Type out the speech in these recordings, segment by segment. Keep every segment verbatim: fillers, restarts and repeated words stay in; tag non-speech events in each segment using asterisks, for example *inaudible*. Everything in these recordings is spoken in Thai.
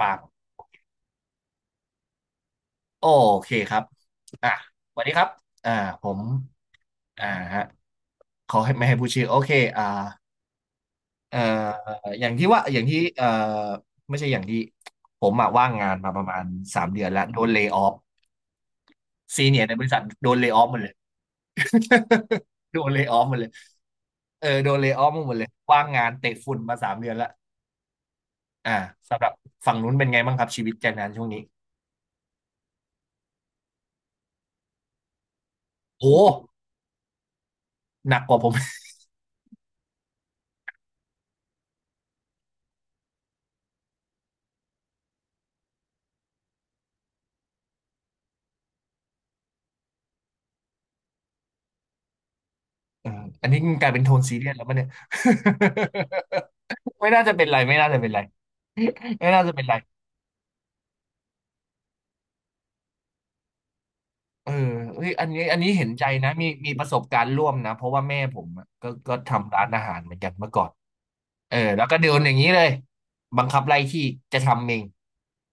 ปากโอเคครับอ่ะสวัสดีครับอ่าผมอ่าฮะขอให้ไม่ให้พูดชื่อโอเคอ่าเอ่ออย่างที่ว่าอย่างที่เอ่อไม่ใช่อย่างที่ผมอะว่างงานมาประมาณสามเดือนแล้วโดนเล y o ออฟซีเนียในบริษัทโดนเล y o ออฟหมดเลย *laughs* โดนเล y o ออฟหมดเลยเออโดนเล y o ออฟหมดเลยว่างงานเตะฝุ่นมาสามเดือนแล้วอ่าสำหรับฝั่งนู้นเป็นไงบ้างครับชีวิตแรงงานช่วงนี้โอ้หนักกว่าผม เอออันนี้มันกลายเป็นโทนซีเรียสแล้วป่ะเนี่ย *laughs* ไม่น่าจะเป็นไรไม่น่าจะเป็นไรไม่น่าจะเป็นไรเออเฮ้ยอันนี้อันนี้เห็นใจนะมีมีประสบการณ์ร่วมนะเพราะว่าแม่ผมอะก็ก็ทำร้านอาหารเหมือนกันเมื่อก่อนเออแล้วก็โดนอย่างนี้เลยบังคับไล่ที่จะทำเอง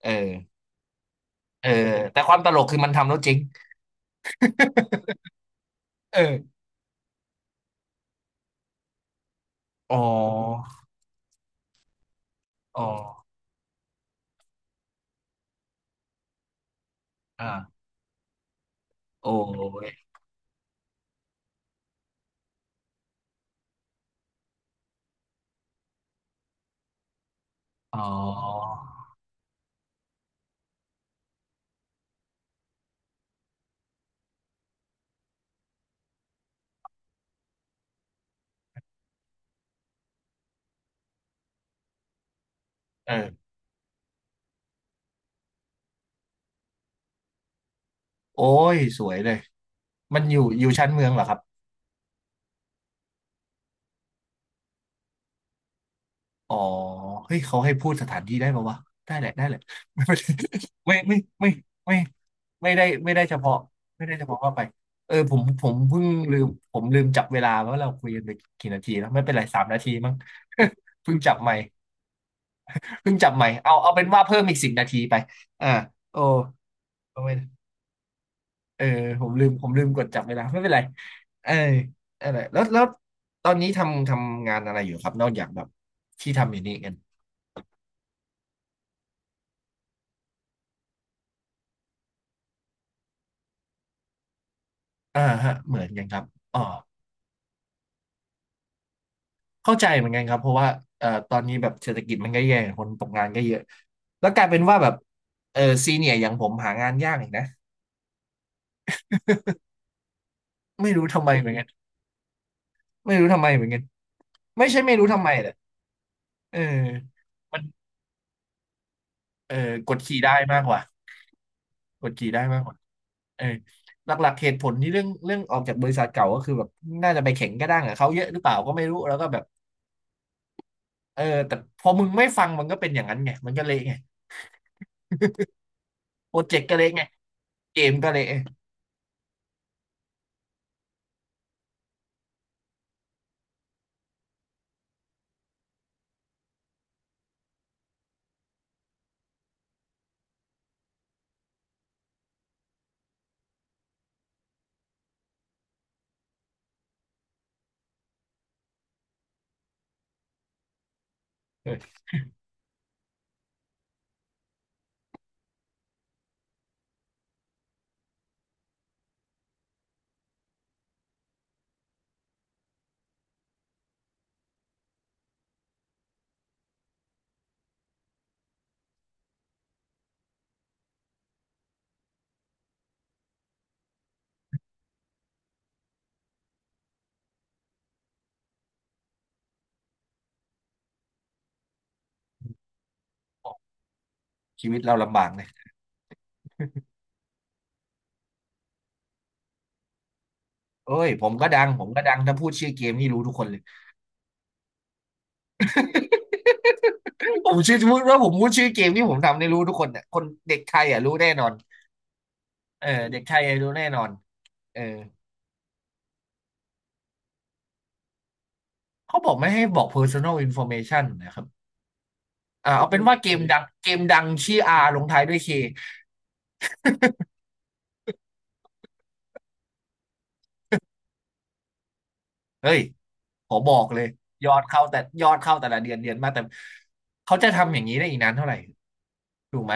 เออเออแต่ความตลกคือมันทำแล้วเจริง *laughs* เอออ๋ออ๋ออ่าโอ้ยอ๋อเออโอ้ยสวยเลยมันอยู่อยู่ชั้นเมืองเหรอครับ อ๋อเฮ้ย เขาให้พูดสถานที่ได้ปะวะได้แหละได้แหละ *laughs* ไม่ไม่ไม่ไม่ไม่ไม่ไม่ไม่ได้ไม่ได้เฉพาะไม่ได้เฉพาะเข้าไปเออผมผมเพิ่งลืมผมลืมจับเวลาว่าเราคุยกันไปกี่นาทีแล้วไม่เป็นไรสามนาทีมั้ง *laughs* เพิ่งจับใหม่เพิ่งจับใหม่เอาเอาเป็นว่าเพิ่มอีกสิบนาทีไปอ่าโอ้ไม่เออผมลืมผมลืมกดจับเวลาไม่เป็นไรเอออะไรแล้วแล้วตอนนี้ทำทำงานอะไรอยู่ครับนอกจากแบบที่ทำอยู่นี่กัน อ่าฮะเหมือนกันครับอ๋อเข้าใจเหมือนกันครับเพราะว่าเอ่อตอนนี้แบบเศรษฐกิจมันก็แย่คนตกงานก็เยอะแล้วกลายเป็นว่าแบบเออซีเนียอย่างผมหางานยากอีกนะไม่รู้ทำไมเหมือนกันไม่รู้ทำไมเหมือนกันไม่ใช่ไม่รู้ทำไมแหละเออมันเออกดขี่ได้มากกว่ากดขี่ได้มากกว่าเออหลักๆเหตุผลที่เรื่องเรื่องออกจากบริษัทเก่าก็คือแบบน่าจะไปแข่งกระด้างกับเขาเยอะหรือเปล่าก็ไม่รู้แล้วก็แบบเออแต่พอมึงไม่ฟังมันก็เป็นอย่างนั้นไงมันก็เละไงโปรเจกต์ก็เละไงเกมก็เละ ชีวิตเราลำบากเลยเอ้ยผมก็ดังผมก็ดัง ถ้าพูดชื่อเกมนี่รู้ทุกคนเลย *laughs* ผมชื่อพูดว่าผมพูดชื่อเกมที่ผมทำในีรู้ทุกคนเนี่ยคนเด็กไทยอ่ะรู้แน่นอนเออเด็กไทยอ่ะรู้แน่นอนเออเขาบอกไม่ให้บอก personal information นะครับอ่าเอาเป็นว่าเกมดัง เกมดังชื่อ R ลงท้ายด้วย K เฮ้ยขอบอกเลย ยอดเข้าแต่ยอดเข้าแต่ละเดือนเดือนมาแต่เขาจะทำอย่างนี้ได้อีกนานเท่าไหร่ถูกไหม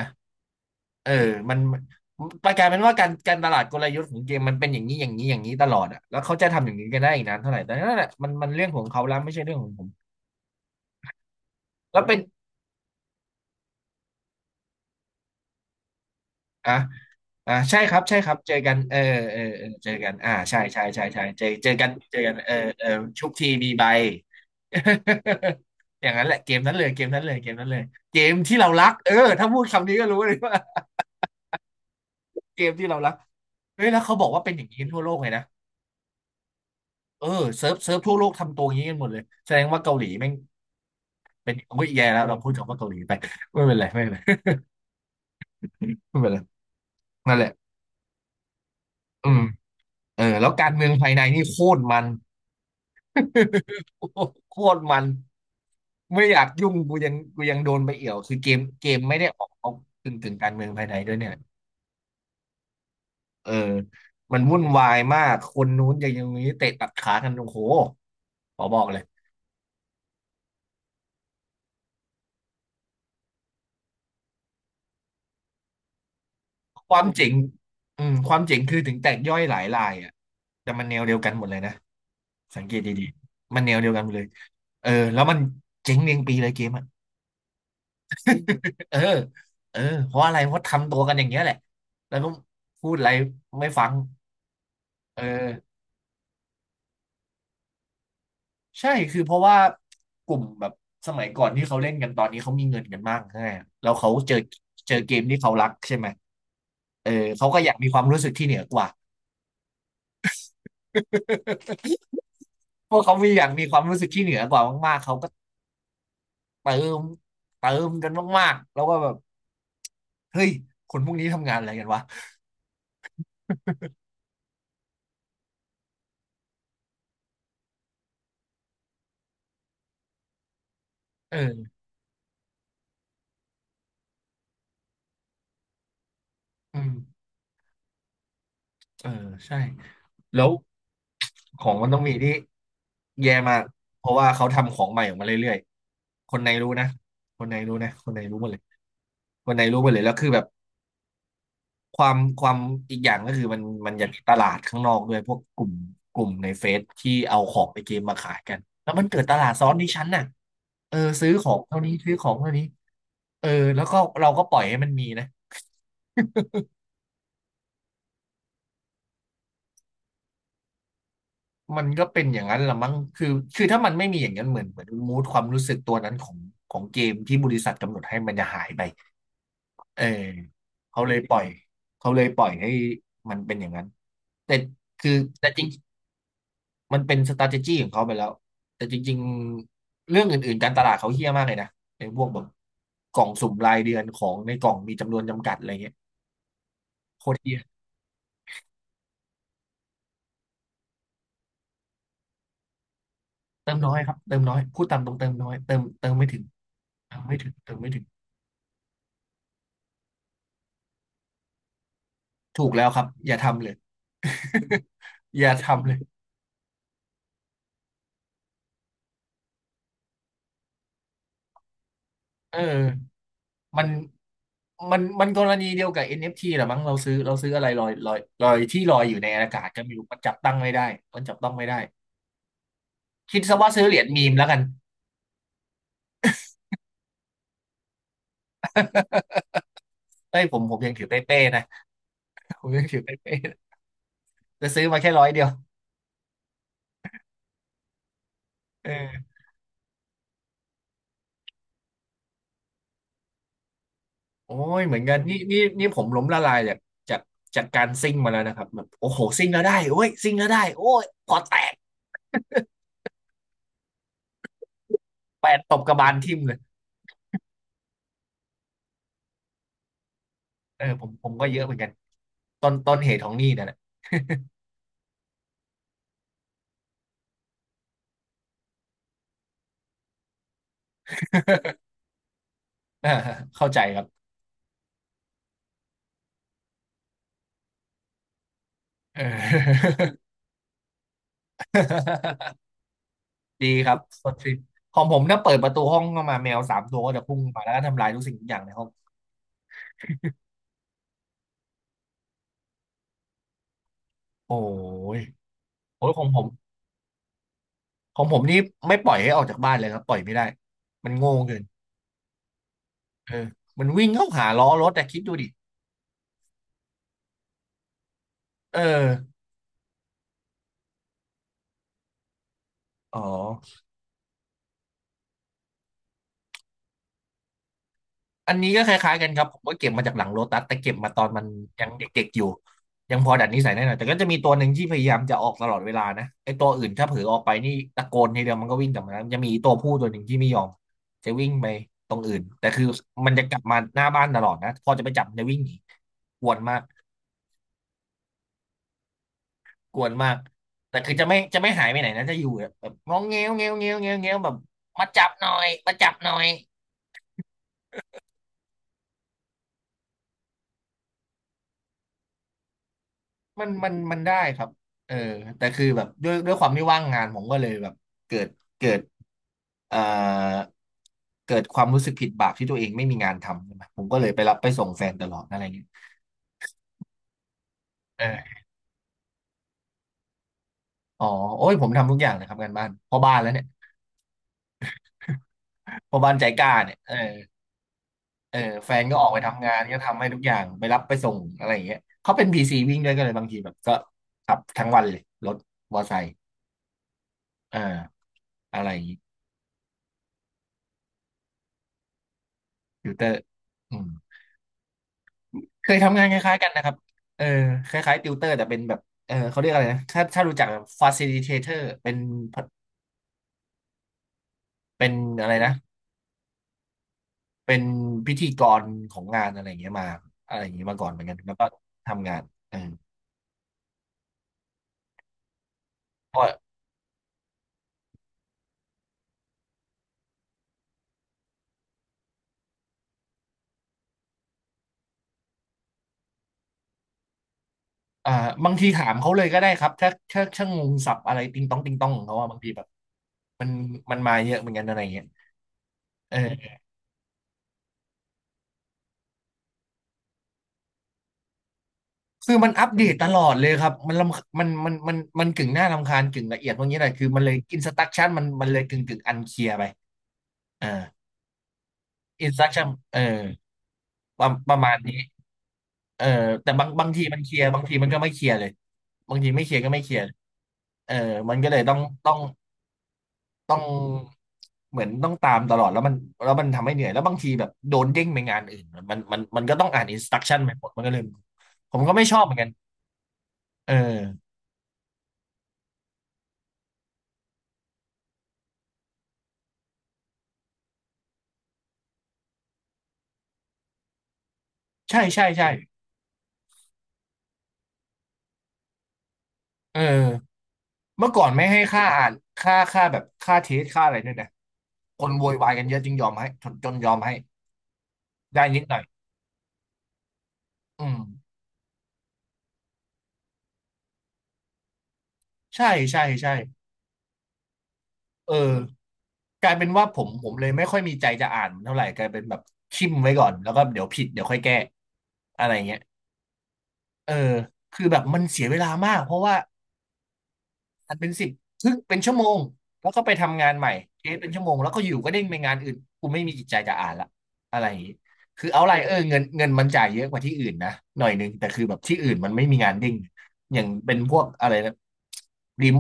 เออมันมันกลายเป็นว่าการการตลาดกลยุทธ์ของเกมมันเป็นอย่างนี้อย่างนี้อย่างนี้ตลอดอ่ะแล้วเขาจะทำอย่างนี้กันได้อีกนานเท่าไหร่แต่นั่นแหละมันมันเรื่องของเขาแล้วไม่ใช่เรื่องของผมแล้วเป็นอ่ะอ่ะใช่ครับ ใช่ครับเจอกันเออเออเออเจอกันอ่าใช่ใช่ใช่ใช่เจอเจอกันเจอกันเออเออชุบทีมีใบ *laughs* อย่างนั้นแหละเกมนั้นเลยเกมนั้นเลยเกมนั้นเลย เกมที่เรารักเออถ้าพูดคำนี้ก็รู้เลยว่าเกมที่เรารักเฮ้ยแล้วเขาบอกว่าเป็นอย่างนี้ทั่วโลกเลยนะ เออเซิร์ฟเซิร์ฟทั่วโลกทำตัวอย่างนี้กันหมดเลยแสดงว่าเกาหลีแม่งเป็นโอ้ยแย่แล้วเราพูดถึงว่าเกาหลีไป *laughs* ไม่เป็นไรไม่เป็นไรไม่เป็นไรนั่นแหละอืมเออแล้วการเมืองภายในนี่โคตรมัน *laughs* โคตรมันไม่อยากยุ่งกูยังกูยังโดนไปเอี่ยวคือเกมเกมไม่ได้ออกเอาถึงถึงการเมืองภายในด้วยเนี่ยเออมันวุ่นวายมากคนนู้นอย่างนี้เตะตัดขากันโอ้โหขอบอกเลยความเจ๋งอืมความเจ๋งคือถึงแตกย่อยหลายรายอ่ะแต่มันแนวเดียวกันหมดเลยนะ สังเกตดีๆมันแนวเดียวกันเลยเออแล้วมันเจ๊งเรียงปีเลยเกมอ่ะ *laughs* เออเออเพราะอะไรเพราะทำตัวกันอย่างเงี้ยแหละแล้วก็พูดอะไรไม่ฟังเออใช่คือเพราะว่ากลุ่มแบบสมัยก่อนที่เขาเล่นกันตอนนี้เขามีเงินกันมากใช่ไหมแล้วเขาเจอเจอเกมที่เขารักใช่ไหมเออเขาก็อยากมีความรู้สึกที่เหนือกว่า *laughs* พวกเขามีอยากมีความรู้สึกที่เหนือกว่ามากๆเขา เติมเติมกันมากๆแล้วก็แบบเฮ้ยคนพวกนี้ทำงานอะไรกันวะเอออืมเออใช่แล้วของมันต้องมีที่แย่มากเพราะว่าเขาทำของใหม่ออกมาเรื่อยๆคนในรู้นะคนในรู้นะคนในรู้หมดเลยคนในรู้หมดเลยแล้วคือแบบความความอีกอย่างก็คือมันมันอยากมีตลาดข้างนอกด้วยพวกกลุ่มกลุ่มในเฟซที่เอาของในเกมมาขายกันแล้วมันเกิดตลาดซ้อนที่ชั้นน่ะเออซื้อของเท่านี้ซื้อของเท่านี้ เออแล้วก็เราก็ปล่อยให้มันมีนะมันก็เป็นอย่างนั้นละมั้งคือคือถ้ามันไม่มีอย่างนั้นเหมือนเหมือนมูดความรู้สึกตัวนั้นของของเกมที่บริษัทกำหนดให้มันจะหายไปเออเขาเลยปล่อยเขาเลยปล่อยให้มันเป็นอย่างนั้นแต่คือแต่จริงมันเป็น strategy ของเขาไปแล้วแต่จริงๆเรื่องอื่นๆการตลาดเขาเฮี้ยมากเลยนะในพวกแบบกล่องสุ่มรายเดือนของในกล่องมีจำนวนจำกัดอะไรเงี้ยโคตรเฮี้ยเติมน้อยครับเติมน้อยพูดตามตรงเติมน้อยเติมเติมไม่ถึงเติมไม่ถึงเติมไม่ถึง ถูกแล้วครับอย่าทำเลย *laughs* อย่าทำเลยเออมันมันมันกรณีเดียวกับ เอ็น เอฟ ที แหละมั้งเราซื้อเราซื้ออะไรลอยลอยลอยที่ลอยอยู่ในอากาศก็ไม่รู้มันจับตั้งไม่ได้มันจับต้องไม่ได้คิดซะว่าซื้อเหรียญมีมแล้วกันเอ้ยผมผมยังถือเป้ๆนะ *laughs* ผมยังถือเป้ๆนะแตซื้อมาแค่ร้อยเดียวเออโอ้ยเหมือนกันนี่นี่นี่ผมล้มละลายจากจากจากการซิ่งมาแล้วนะครับแบบโอ้โหซิ่งแล้วได้โอ้ยซิ่งแล้วได้โอ้ยพอแตกแปดตบกระบาลทิ่มเลย เออผมผมก็เยอะเหมือนกันต้นต้นเหตุของหนี้นั่นแหละ *laughs* อ่าเข้าใจครับเออ *laughs* ดีครับสดชื่นของผมถ้าเปิดประตูห้องเข้ามาแมวสามตัวก็จะพุ่งมาแล้วก็ทำลายทุกสิ่งทุกอย่างในห้องโอ้ยโอ้ยของผมของผมนี่ไม่ปล่อยให้ออกจากบ้านเลยครับปล่อยไม่ได้มันโง่เกินเออมันวิ่งเข้าหาล้อรถแต่คิดดูดิเอออ๋อ อันนี้ก็คล้ายๆกันครับผมก็เก็บมาจากหลังโลตัสแต่เก็บมาตอนมันยังเด็กๆอยู่ยังพอดัดนิสัยได้หน่อยแต่ก็จะมีตัวหนึ่งที่พยายามจะออกตลอดเวลานะไอ้ตัวอื่นถ้าเผลอออกไปนี่ตะโกนทีเดียวมันก็วิ่งกลับมาแล้วมันจะมีตัวผู้ตัวหนึ่งที่ไม่ยอมจะวิ่งไปตรงอื่นแต่คือมันจะกลับมาหน้าบ้านตลอดนะพอจะไปจับมันจะวิ่งหนีกวนมากกวนมากแต่คือจะไม่จะไม่หายไปไหนนะจะอยู่แบบงอแงวแงวแงวแงวแงวแบบมาจับหน่อยมาจับหน่อย มันมันมันได้ครับเออแต่คือแบบด้วยด้วยความที่ว่างงานผมก็เลยแบบเกิดเกิดเอ่อเกิดความรู้สึกผิดบาปที่ตัวเองไม่มีงานทำใช่ไหมผมก็เลยไปรับไปส่งแฟนตลอดอะไรเงี้ยเอออ๋อโอ้ยผมทำทุกอย่างเลยครับงานบ้านพ่อบ้านแล้วเนี่ยพ่อบ้านใจกล้าเนี่ยเออเออแฟนก็ออกไปทำงานก็ทำให้ทุกอย่างไปรับไปส่งอะไรอย่างเงี้ยเขาเป็นพีซีวิ่งด้วยก็เลยบางทีแบบก็ขับทั้งวันเลยรถมอเตอร์ไซค์เอออะไรอย่างงี้ฟิลเตอร์อืม เคยทำงานคล้ายๆกันนะครับเออคล้ายๆติวเตอร์แต่เป็นแบบเออเขาเรียกอะไรนะถ้าถ้ารู้จัก facilitator เป็นเป็นอะไรนะเป็นพิธีกรของงานอะไรอย่างเงี้ยมาอะไรอย่างเงี้ยมาก่อนเหมือนกันแล้วก็ทำงานเออก็อ่าบางทีถามเขาเลยก็ได้ครับถ้าถ้าถ้างงศัพท์อะไรติงต้องติงต้องของเขาว่าบางทีแบบมันมาเยอะเหมือนกันอะไรอย่างเงี้ยเออคือมันอัปเดตตลอดเลยครับมันรำมันมันมันมันกึ่งหน้ารำคาญกึ่งละเอียดพวกนี้แหละคือมันเลยอินสตรัคชั่นมันมันเลยกึ่งกึ่งอันเคลียร์ไปเออ อินสตรัคชั่นเออประประมาณนี้เออแต่บางบางทีมันเคลียร์บางทีมันก็ไม่เคลียร์เลยบางทีไม่เคลียร์ก็ไม่เคลียร์เออมันก็เลยต้องต้องต้องเหมือนต้องตามตลอดแล้วมันแล้วมันทำให้เหนื่อยแล้วบางทีแบบโดนเด้งไปงานอื่นมันมันมันก็ต้องอ่านอินสตรัคชั่นไปหมดมันก็เลยผมก็ไม่ชอบเหมือนกันเออใช่ใช่ใช่เออเมื่อก่อนไม่ให้ค่าอ่านค่าค่าแบบค่าเทสค่าอะไรด้วยนะคนโวยวายกันเยอะจึงยอมให้จนจนยอมให้ได้นิดหน่อยอืม ใช่ใช่ใช่เออกลายเป็นว่าผมผมเลยไม่ค่อยมีใจจะอ่านเท่าไหร่กลายเป็นแบบทิมไว้ก่อนแล้วก็เดี๋ยวผิดเดี๋ยวค่อยแก้อะไรเงี้ยเออคือแบบมันเสียเวลามากเพราะว่า อันเป็นสิบครึ่งเป็นชั่วโมงแล้วก็ไปทำงานใหม่เทสเป็นชั่วโมงแล้วก็อยู่ก็เด้งไปงานอื่นกูไม่มีจิตใจจะอ่านละอะไรอย่างนี้คือเอาไรเออเงินเงินมันจ่ายเยอะกว่าที่อื่นนะหน่อยนึงแต่คือแบบที่อื่นมันไม่มีงานเด้งอย่างเป็นพวกอะไรนะริม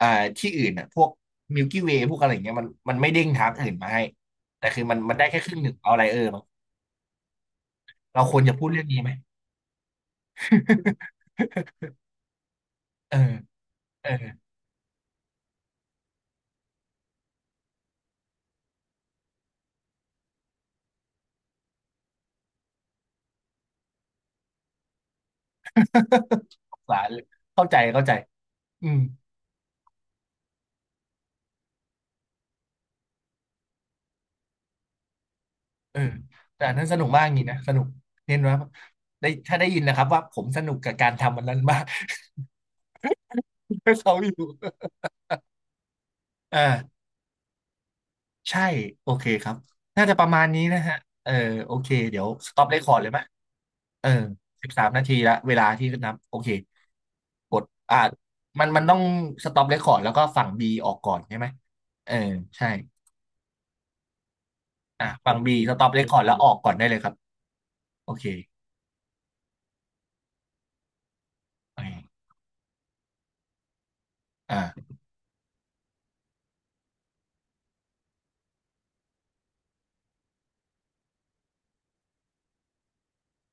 อ่าที่อื่นอ่ะพวกมิลกี้เวย์พวกอะไรอย่างเงี้ยมันมันไม่เด้งทางอื่นมาให้แต่คือมันมันได้แค่ครึ่งหนึ่งเอาไรเออมั้งเราควรจะพูดเรื่องนี้ไหม *laughs* เออเออ *laughs* สงสารเลยเข้าใจเข้าใจอืม เออแต่อันนั้นสนุกมากจริงนะสนุกเน้นว่าได้ถ้าได้ยินนะครับว่าผมสนุกกับการทำวันนั้น *laughs* มาก *laughs* ถ้าเขาอยู่ *laughs* อ่าใช่โอเคครับน่าจะประมาณนี้นะฮะเออโอเคเดี๋ยวสต็อปเรคคอร์ดเลยไหมเออสิบสามนาทีละเวลาที่นับโอเคกดอ่ามันมันต้องสต็อปเรคคอร์ดแล้วก็ฝั่งบีออกก่อนใช่ไหมเออใช่อ่ะฝั่งบีสต็อปเรคคอร์ดแล้วออกก่อนได้เลยครับโอเคโอเคอ่า